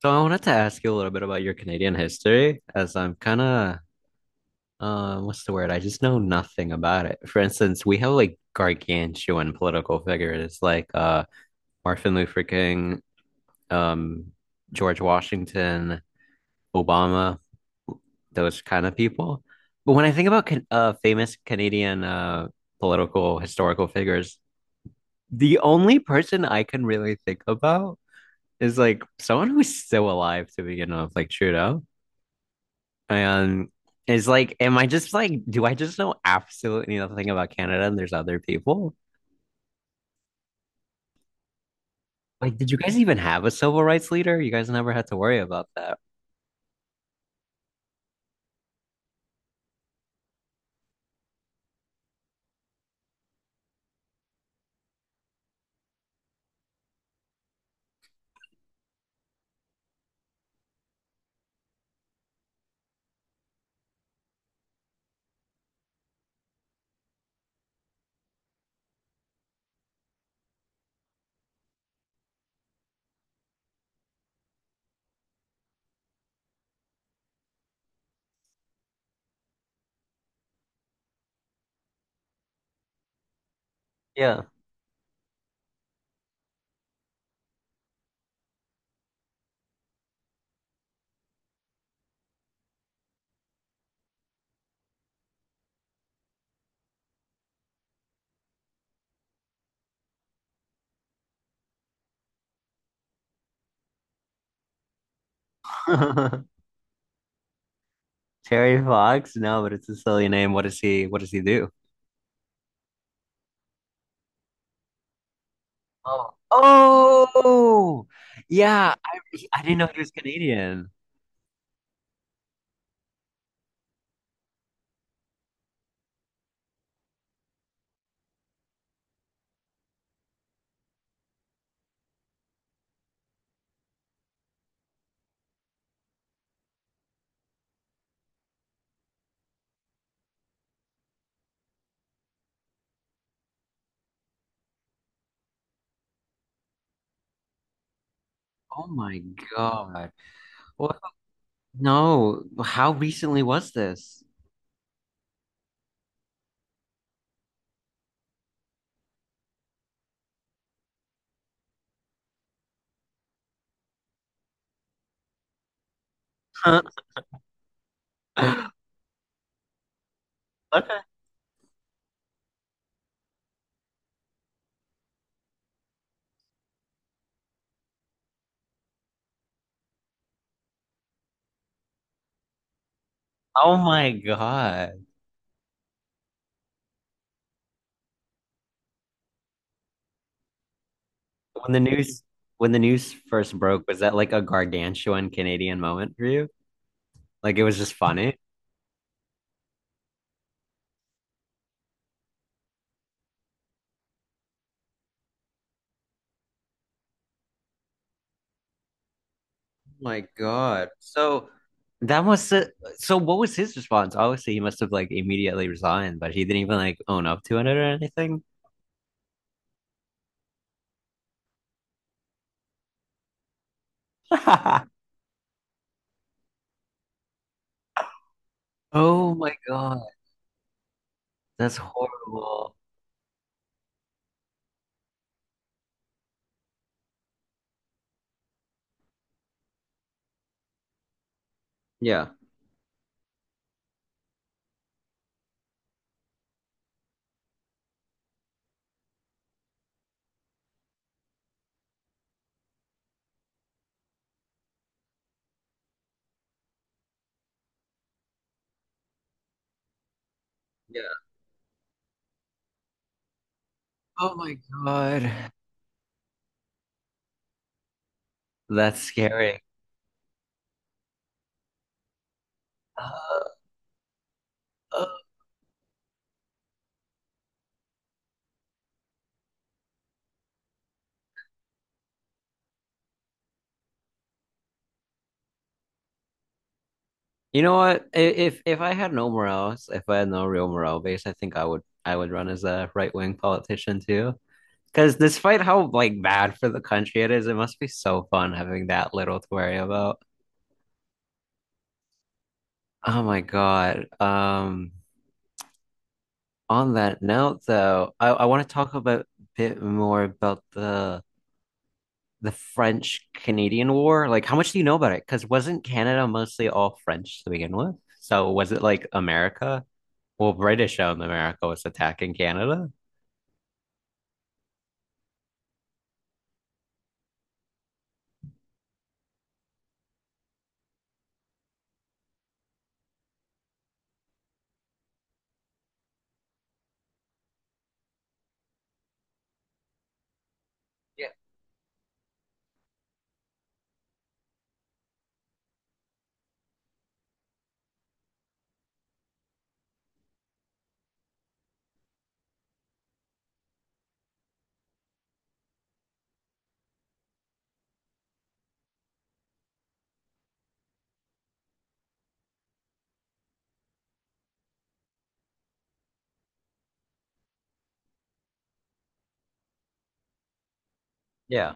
So I wanted to ask you a little bit about your Canadian history, as I'm kind of, what's the word? I just know nothing about it. For instance, we have like gargantuan political figures like Martin Luther King, um, George Washington, Obama, those kind of people. But when I think about can famous Canadian political historical figures, the only person I can really think about is like someone who's still alive to begin with, like Trudeau. And it's like, am I just like, do I just know absolutely nothing about Canada and there's other people? Like, did you guys even have a civil rights leader? You guys never had to worry about that. Yeah. Terry Fox? No, but it's a silly name. What does he do? Oh, oh, yeah. I didn't know he was Canadian. Oh my God. What? No. How recently was this? Okay. Oh my God. When the news, when the news first broke, was that like a gargantuan Canadian moment for you? Like it was just funny? My God. So that must have, so what was his response? Obviously, he must have like immediately resigned, but he didn't even like own up to it or anything. Oh my God. That's horrible. Yeah. Yeah. Oh my God. That's scary. You know what? I- if I had no morals, if I had no real moral base, I think I would, I would run as a right wing politician too. Because despite how like bad for the country it is, it must be so fun having that little to worry about. Oh my God. On that note though, I want to talk about a bit more about the French Canadian War. Like, how much do you know about it? Because wasn't Canada mostly all French to begin with? So was it like America? Well, British-owned America was attacking Canada. Yeah. Yeah.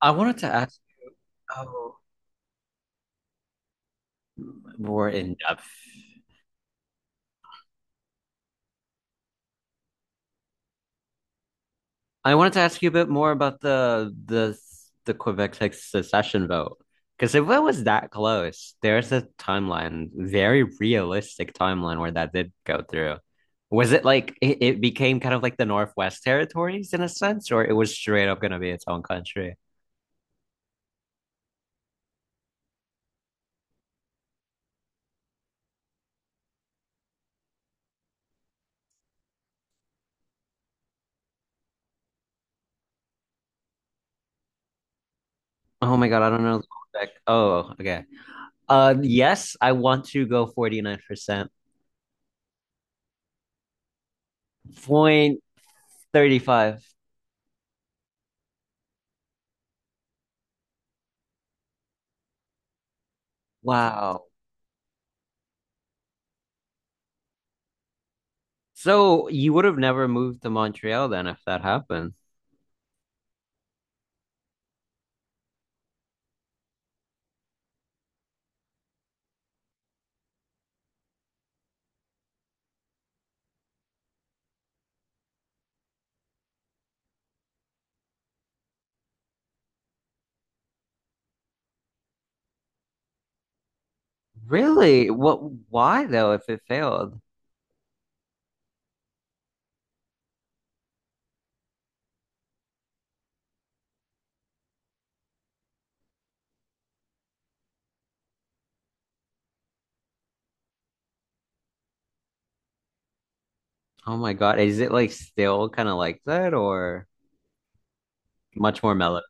I wanted to ask how more in depth. I wanted to ask you a bit more about the Quebec, like, secession vote, because if it was that close, there's a timeline, very realistic timeline where that did go through. Was it like, it became kind of like the Northwest Territories in a sense, or it was straight up going to be its own country? Oh my God, I don't know. Quebec. Oh, okay. Yes, I want to go 49%. Point 35. Wow. So you would have never moved to Montreal then if that happened. Really? What, why though, if it failed? Oh my God. Is it like still kind of like that, or much more mellow?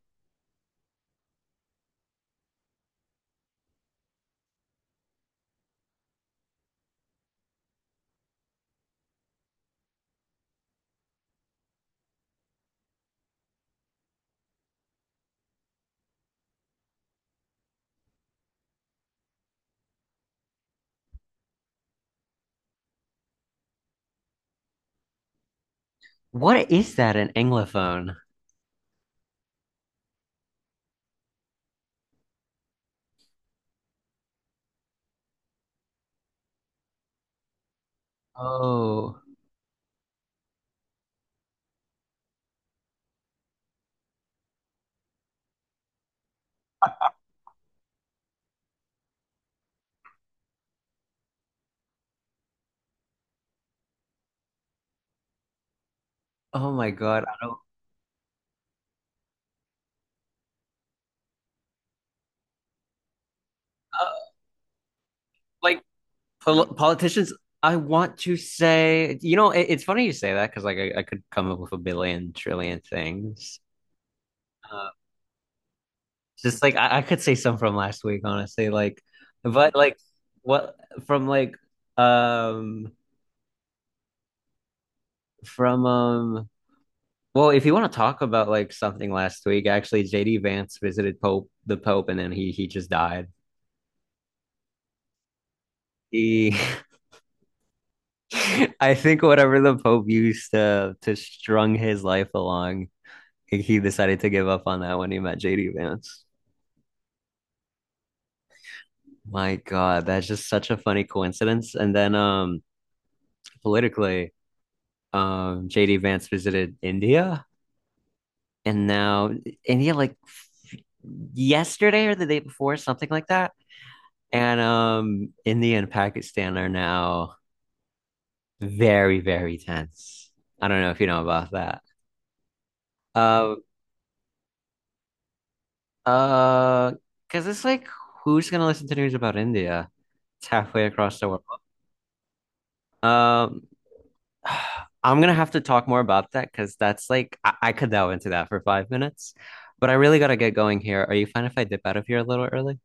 What is that, an Anglophone? Oh, oh my God. I don't, uh, like, politicians. I want to say, it's funny you say that because like I could come up with a billion trillion things. Uh, just like I could say some from last week, honestly. Like, but like what from like um from well, if you want to talk about like something last week, actually JD Vance visited Pope, the Pope, and then he just died. He I think whatever the Pope used to strung his life along, he decided to give up on that when he met JD Vance. My God, that's just such a funny coincidence. And then politically, JD Vance visited India, and now India, like, yesterday or the day before, something like that. And India and Pakistan are now very, very tense. I don't know if you know about that. Um, uh, because it's like, who's gonna listen to news about India? It's halfway across the world. Um, I'm gonna have to talk more about that because that's like I could delve into that for 5 minutes, but I really gotta get going here. Are you fine if I dip out of here a little early?